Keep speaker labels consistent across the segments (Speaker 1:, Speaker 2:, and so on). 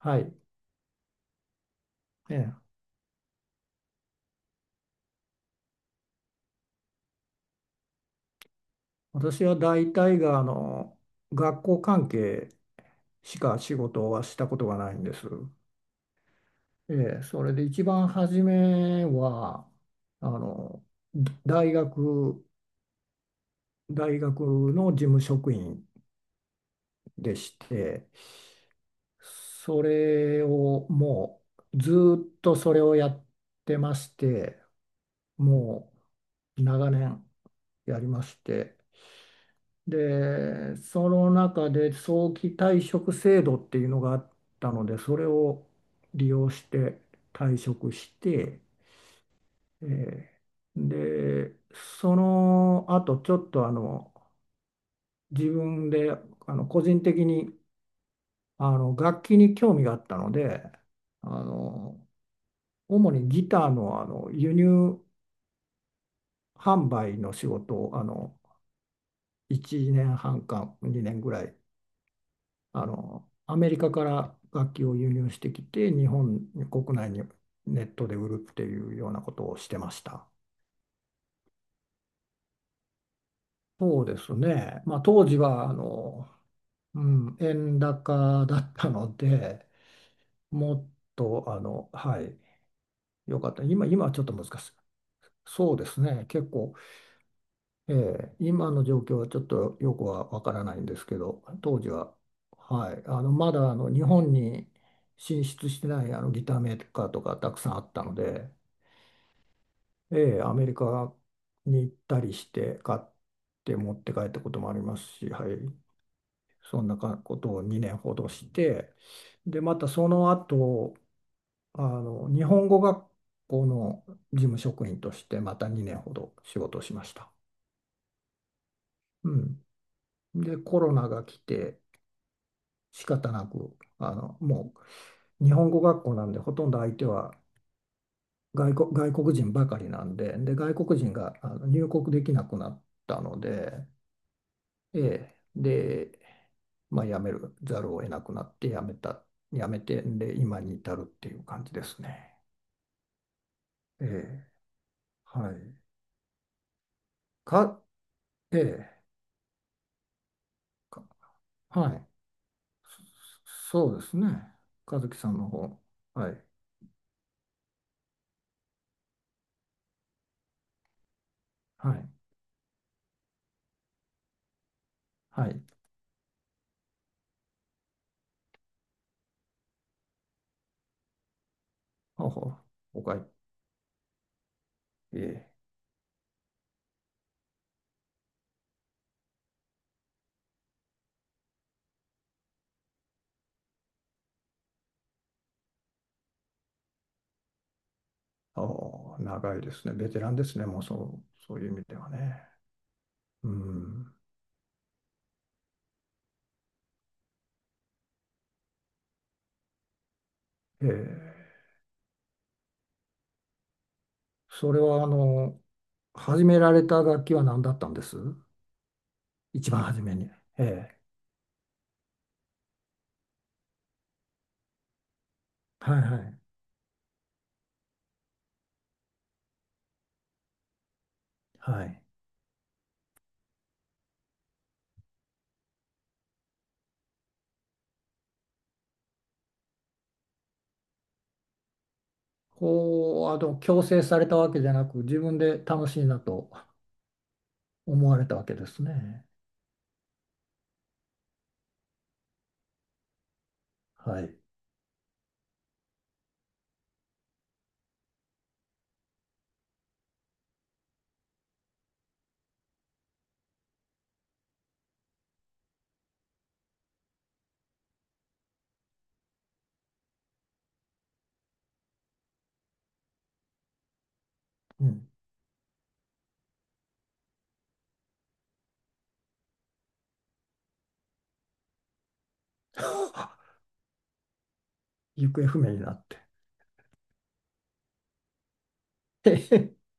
Speaker 1: はい。ええ、私は大体が学校関係しか仕事はしたことがないんです。ええ、それで一番初めはあの大学、大学の事務職員でして、それをもうずっとそれをやってまして、もう長年やりまして、で、その中で早期退職制度っていうのがあったので、それを利用して退職して、えーで、その後ちょっと自分で個人的に楽器に興味があったので、あの主にギターの、輸入販売の仕事を1年半か2年ぐらいアメリカから楽器を輸入してきて日本国内にネットで売るっていうようなことをしてました。そうですね。まあ、当時は円高だったので、もっとはい、よかった。今、今はちょっと難しい。そうですね、結構、ええ、今の状況はちょっとよくはわからないんですけど、当時は、はい、まだ日本に進出してないギターメーカーとかたくさんあったので。ええ、アメリカに行ったりして買って持って帰ったこともありますし、はい、そんなかことを2年ほどして、で、またその後、日本語学校の事務職員としてまた2年ほど仕事をしました。うん。で、コロナが来て仕方なく、もう日本語学校なんでほとんど相手は外国人ばかりなんで、で、外国人が入国できなくなったので、ええ、で、まあ、辞めるざるを得なくなって辞めて、で、今に至るっていう感じですね。ええ、はい。か、ええ、か、はい。そうですね。和樹さんの方。はい。はい。はい。ああ、おかい。ええ。ああ、長いですね。ベテランですね。もうそういう意味ではね。うん。ええ。それは、始められた楽器は何だったんです、一番初めに。ええ。はいはい。はい。こう、強制されたわけじゃなく、自分で楽しいなと思われたわけですね。はい。うん。行方不明になって。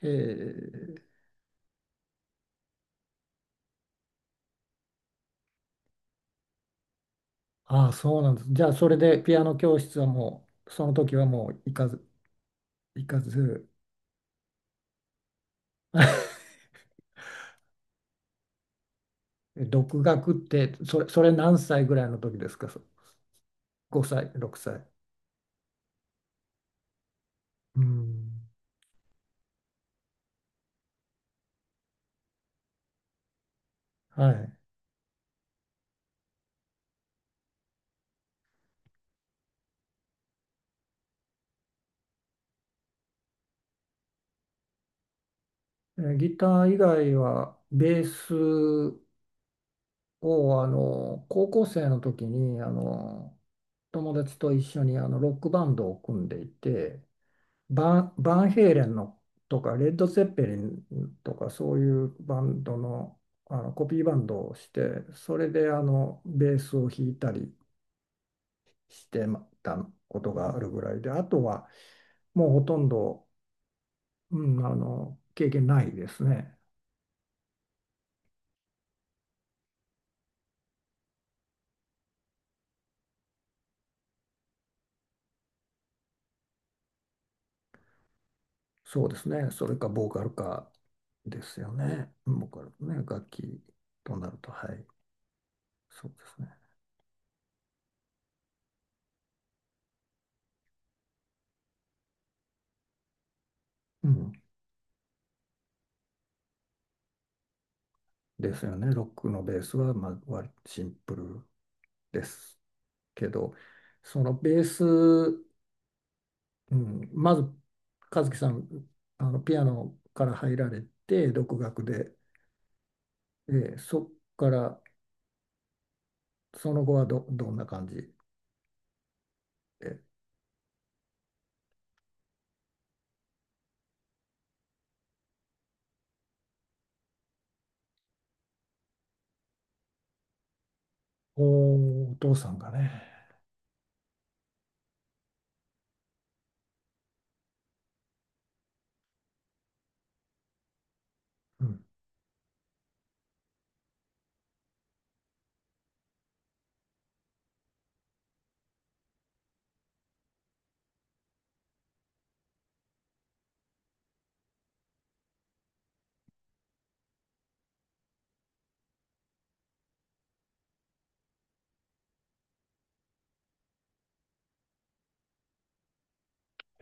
Speaker 1: えー、ああ、そうなんです。じゃあ、それでピアノ教室はもう、その時はもう行かず、独学って、それ何歳ぐらいの時ですか、そ ?5 歳、6歳。うん。はい。えー、ギター以外は、ベースを高校生の時に友達と一緒にロックバンドを組んでいて、バンヘイレンのとかレッド・ゼッペリンとかそういうバンドの、コピーバンドをして、それでベースを弾いたりしてたことがあるぐらいで、あとはもうほとんど、うん、経験ないですね。そうですね。それかボーカルかですよね。ボーカルね、楽器となると、はい、そうですね。うん、ですよね。ロックのベースは、まあ、割とシンプルですけど、そのベース、うん、まず、和樹さん、ピアノから入られて、独学で、そこから、その後はどんな感じで。おー、お父さんがね。うん。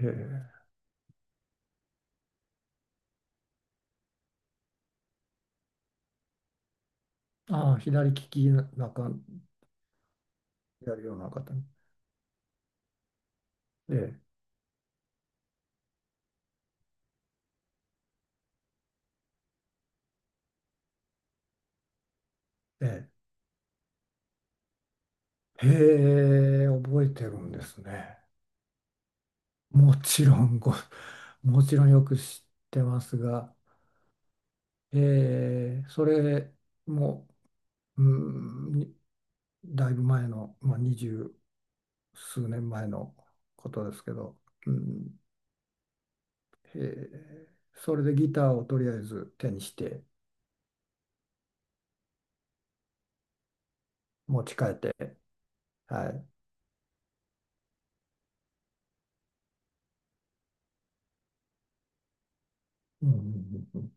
Speaker 1: へえ。ああ、左利きやるような方。ええ、ええ。へえ、覚えてるんですね。もちろんご、もちろんよく知ってますが、ええ、それも、うん、にだいぶ前の、まあ、二十数年前のことですけど、うん、へえ、それでギターをとりあえず手にして持ち帰って、はい。うんうん。うんうん。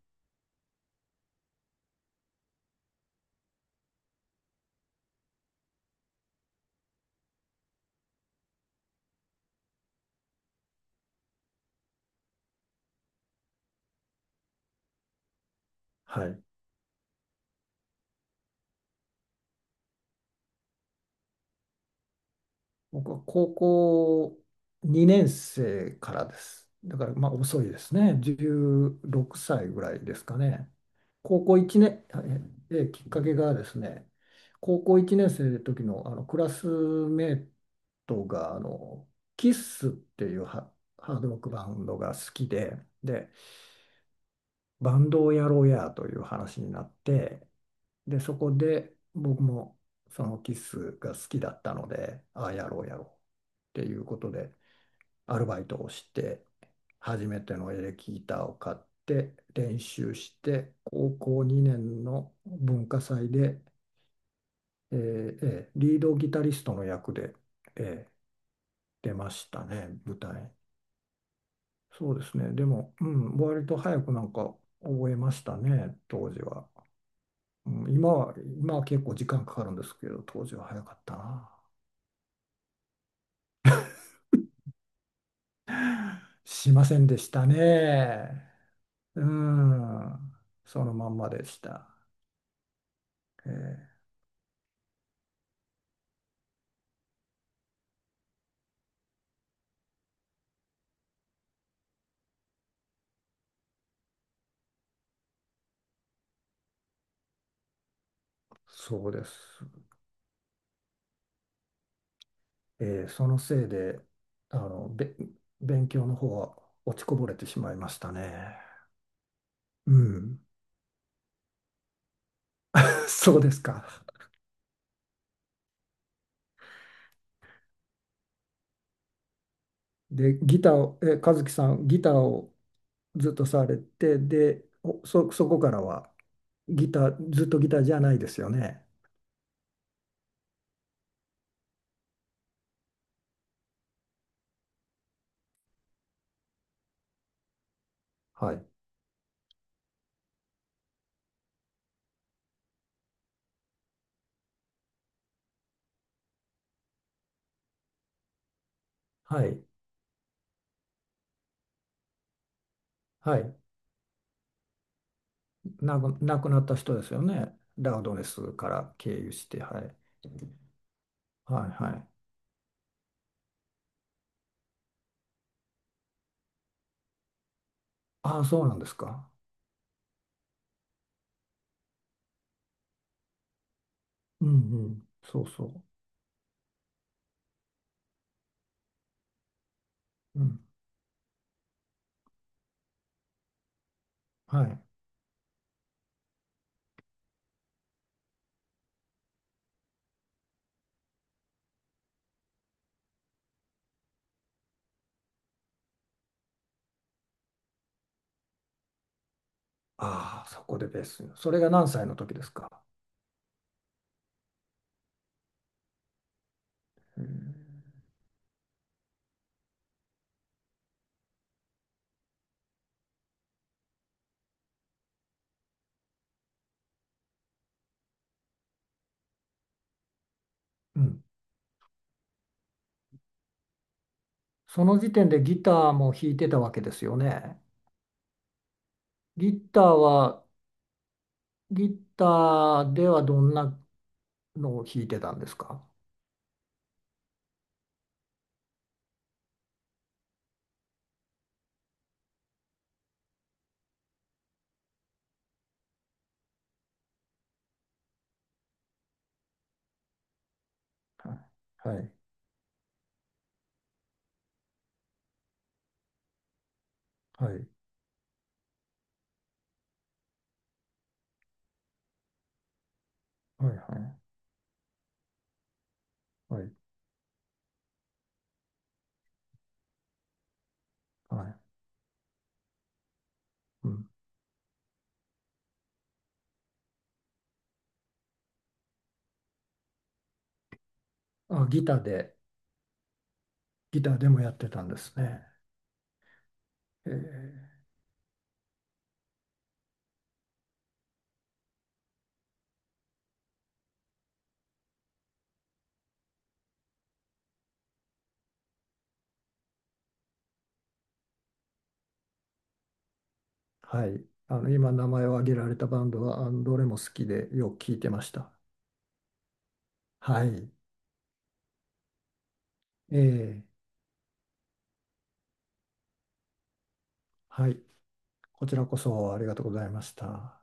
Speaker 1: はい。僕は高校2年生からです。だからまあ遅いですね。16歳ぐらいですかね。高校1年、あええ、きっかけがですね、高校1年生の時の、あのクラスメートがキッスっていうハードロックバンドが好きで、で、バンドをやろうやという話になって、で、そこで僕もそのキスが好きだったので、ああやろうやろうっていうことで、アルバイトをして、初めてのエレキギターを買って、練習して、高校2年の文化祭で、リードギタリストの役で、えー出ましたね、舞台。そうですね、でも、うん、割と早くなんか覚えましたね、当時は。うん、今は結構時間かかるんですけど、当時は早かったな。しませんでしたね。うん、そのまんまでした。ええ、そうです。ええ、そのせいで、あの、べ、勉強の方は落ちこぼれてしまいましたね。うん、そうですか。で、ギターを、え、和樹さん、ギターをずっとされて、で、そこからは、ギター、ずっとギターじゃないですよね。はい。はい。はい。なく、亡くなった人ですよね。ラウドネスから経由して、はい。はいはい。ああ、そうなんですか。うんうん。そうそう。うん。はい。ああ、そこでベース。それが何歳の時ですか。うんうん。その時点でギターも弾いてたわけですよね。ギターは、ギターではどんなのを弾いてたんですか。はい。はい。はい。はい。はい。はい。はい。うん。あ、ギターで、ギターでもやってたんですね。えー、はい。あの、今名前を挙げられたバンドは、あの、どれも好きでよく聞いてました。はい。えー、はい。こちらこそありがとうございました。